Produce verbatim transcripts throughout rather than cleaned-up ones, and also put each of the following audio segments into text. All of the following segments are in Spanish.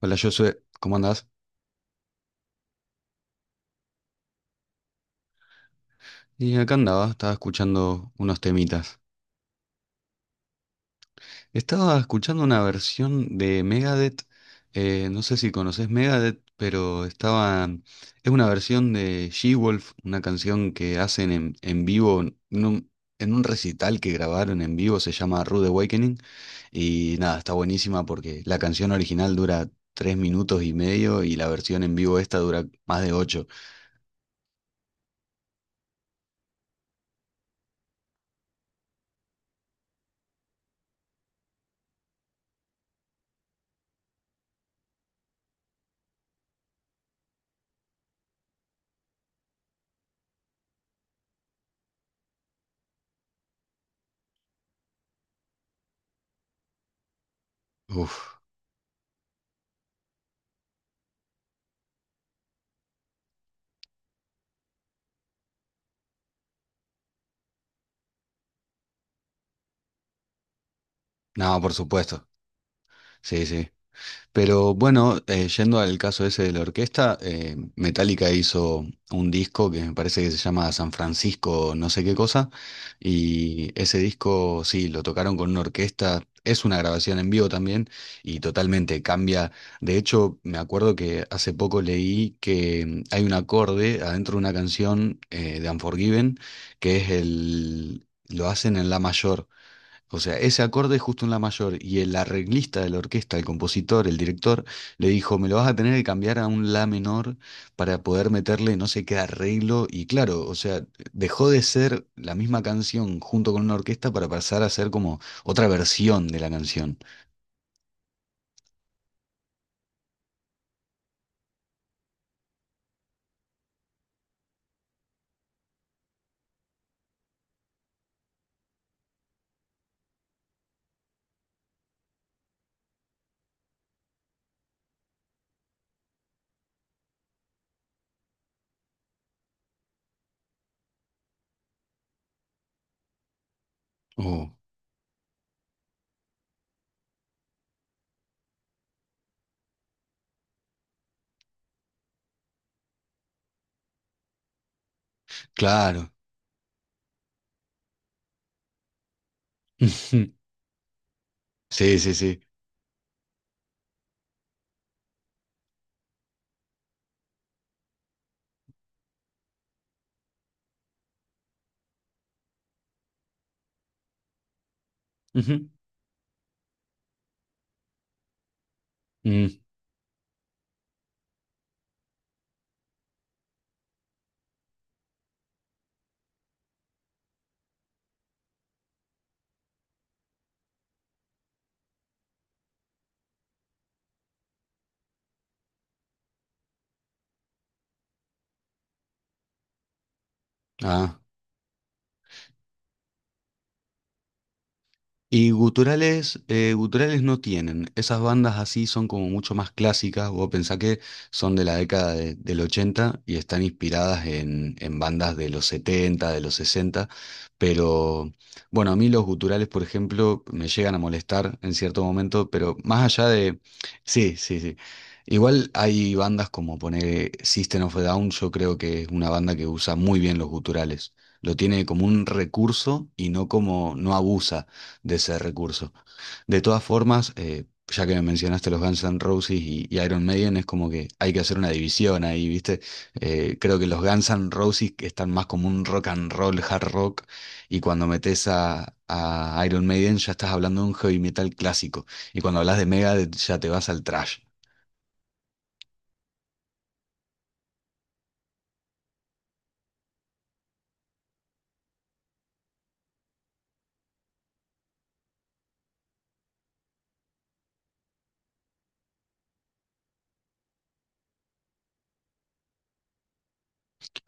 Hola Josué, ¿cómo andás? Y acá andaba, estaba escuchando unos temitas. Estaba escuchando una versión de Megadeth, eh, no sé si conoces Megadeth, pero estaba... Es una versión de She-Wolf, una canción que hacen en, en vivo, en un, en un recital que grabaron en vivo, se llama Rude Awakening, y nada, está buenísima porque la canción original dura tres minutos y medio y la versión en vivo esta dura más de ocho. Uf, no, por supuesto, sí, sí. Pero bueno, eh, yendo al caso ese de la orquesta, eh, Metallica hizo un disco que me parece que se llama San Francisco, no sé qué cosa, y ese disco sí, lo tocaron con una orquesta, es una grabación en vivo también, y totalmente cambia. De hecho, me acuerdo que hace poco leí que mm, hay un acorde adentro de una canción eh, de Unforgiven, que es el... Lo hacen en la mayor. O sea, ese acorde es justo en la mayor y el arreglista de la orquesta, el compositor, el director, le dijo, me lo vas a tener que cambiar a un la menor para poder meterle no sé qué arreglo. Y claro, o sea, dejó de ser la misma canción junto con una orquesta para pasar a ser como otra versión de la canción. Oh, claro. Sí, sí, sí. Ujú. Mm, ah. Y guturales, eh, guturales no tienen. Esas bandas así son como mucho más clásicas. Vos pensá que son de la década de- del ochenta y están inspiradas en, en bandas de los setenta, de los sesenta. Pero bueno, a mí los guturales, por ejemplo, me llegan a molestar en cierto momento, pero más allá de... Sí, sí, sí. Igual hay bandas como poner System of a Down, yo creo que es una banda que usa muy bien los guturales. Lo tiene como un recurso y no como, no abusa de ese recurso. De todas formas, eh, ya que me mencionaste los Guns N' Roses y, y Iron Maiden, es como que hay que hacer una división ahí, ¿viste? Eh, creo que los Guns N' Roses están más como un rock and roll, hard rock, y cuando metes a, a Iron Maiden ya estás hablando de un heavy metal clásico, y cuando hablas de Megadeth ya te vas al thrash.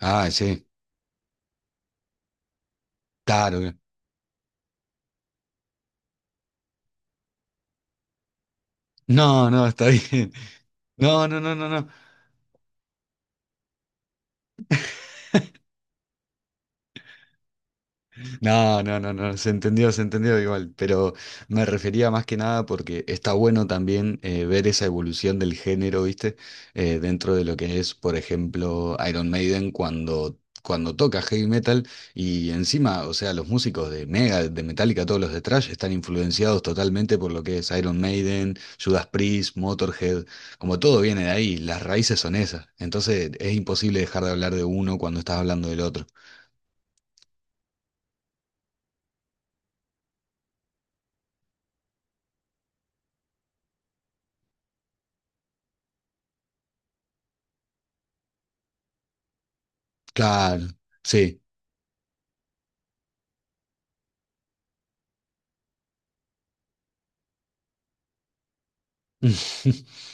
Ah, sí, claro. No, no, está bien. No, no, no, no, no. No, no, no, no, se entendió, se entendió igual, pero me refería más que nada porque está bueno también eh, ver esa evolución del género, ¿viste? Eh, dentro de lo que es, por ejemplo, Iron Maiden cuando, cuando toca heavy metal y encima, o sea, los músicos de Mega, de Metallica, todos los de Thrash están influenciados totalmente por lo que es Iron Maiden, Judas Priest, Motorhead, como todo viene de ahí, las raíces son esas, entonces es imposible dejar de hablar de uno cuando estás hablando del otro. Claro, sí.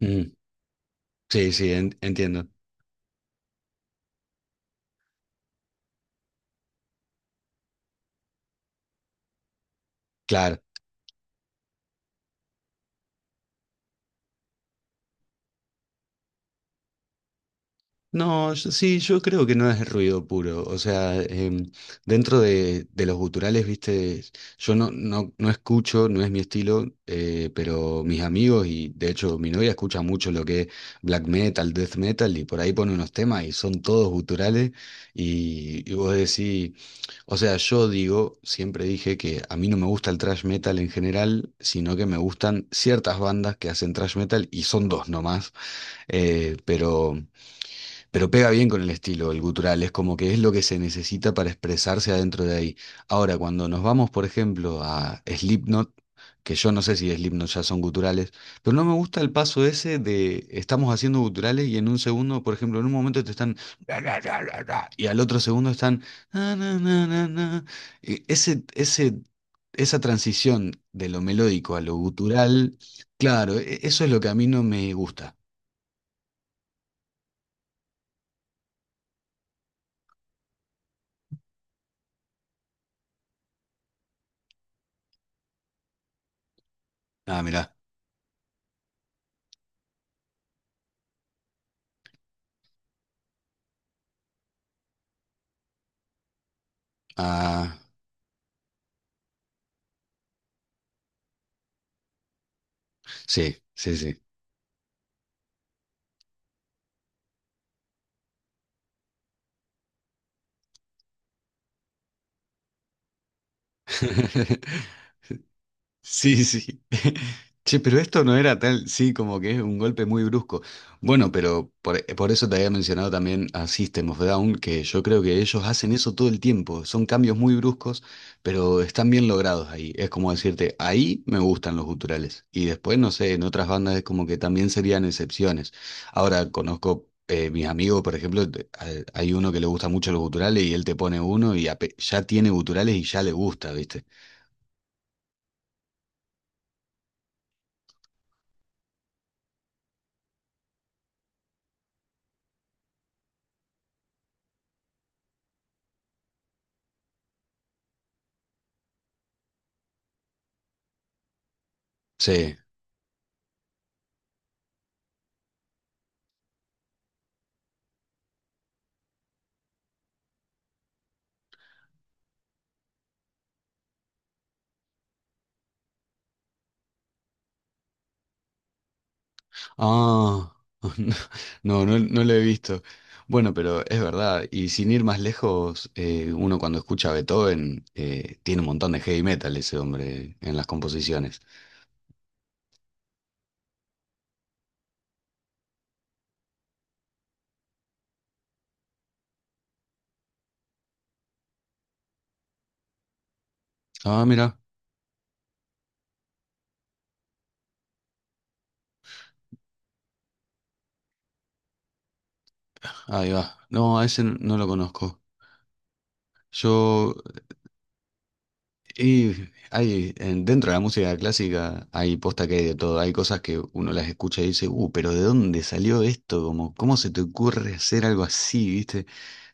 Mm, sí, sí, en- entiendo. Claro. No, yo- sí, yo creo que no es ruido puro. O sea, em, dentro de, de los guturales, viste, yo no, no, no escucho, no es mi estilo, eh, pero mis amigos y de hecho mi novia escucha mucho lo que es black metal, death metal y por ahí pone unos temas y son todos guturales y, y vos decís. O sea, yo digo, siempre dije que a mí no me gusta el thrash metal en general, sino que me gustan ciertas bandas que hacen thrash metal y son dos nomás, eh, pero pero pega bien con el estilo, el gutural, es como que es lo que se necesita para expresarse adentro de ahí. Ahora, cuando nos vamos, por ejemplo, a Slipknot, que yo no sé si Slipknot ya son guturales, pero no me gusta el paso ese de estamos haciendo guturales y en un segundo, por ejemplo, en un momento te están y al otro segundo están na, na, na, na, na. Y Ese, ese, esa transición de lo melódico a lo gutural, claro, e- eso es lo que a mí no me gusta. Ah, mirá. Ah. Sí, sí, sí. Sí, sí. Che, pero esto no era tal, sí, como que es un golpe muy brusco. Bueno, pero por, eh, por eso te había mencionado también a System of a Down, que yo creo que ellos hacen eso todo el tiempo. Son cambios muy bruscos, pero están bien logrados ahí. Es como decirte, ahí me gustan los guturales. Y después, no sé, en otras bandas es como que también serían excepciones. Ahora conozco eh, mis amigos, por ejemplo, te- hay hay uno que le gusta mucho los guturales y él te pone uno y ape- ya tiene guturales y ya le gusta, ¿viste? Sí. Ah, no, no, no lo he visto. Bueno, pero es verdad, y sin ir más lejos, eh, uno cuando escucha a Beethoven, eh, tiene un montón de heavy metal ese hombre en las composiciones. Ah, mira, ahí va. No, a ese n- no lo conozco. Yo, y hay, en- dentro de la música clásica hay posta que hay de todo. Hay cosas que uno las escucha y dice, uh, pero ¿de dónde salió esto? Como, ¿cómo se te ocurre hacer algo así, viste?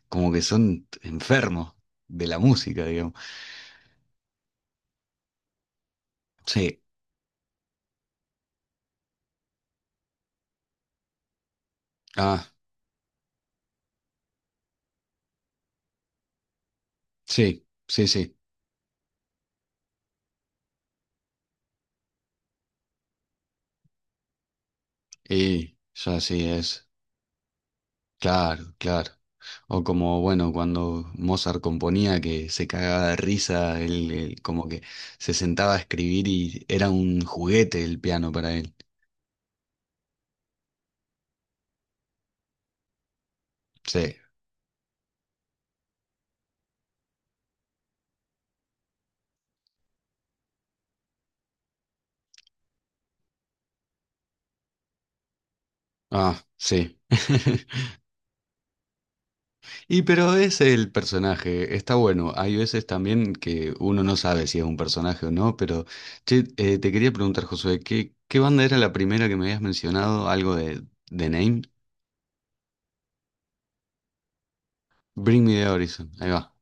Como que son enfermos de la música, digamos. Sí, ah, sí, sí, sí. Y ya sí es. Claro, claro. O como, bueno, cuando Mozart componía que se cagaba de risa, él, él como que se sentaba a escribir y era un juguete el piano para él. Sí, ah, sí. Y pero es el personaje, está bueno. Hay veces también que uno no sabe si es un personaje o no, pero che, eh, te quería preguntar, Josué, ¿qué, qué banda era la primera que me habías mencionado? ¿Algo de The Name? Bring Me the Horizon, ahí va.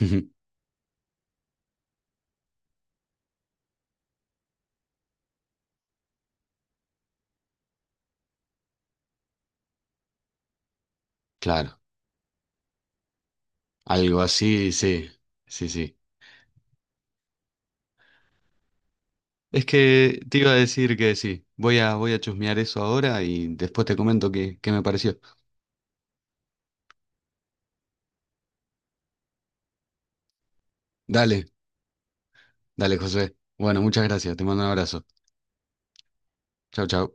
Claro, algo así, sí, sí, sí. Es que te iba a decir que sí, voy a, voy a chusmear eso ahora y después te comento qué, qué me pareció. Dale, dale, José. Bueno, muchas gracias, te mando un abrazo. Chau, chau.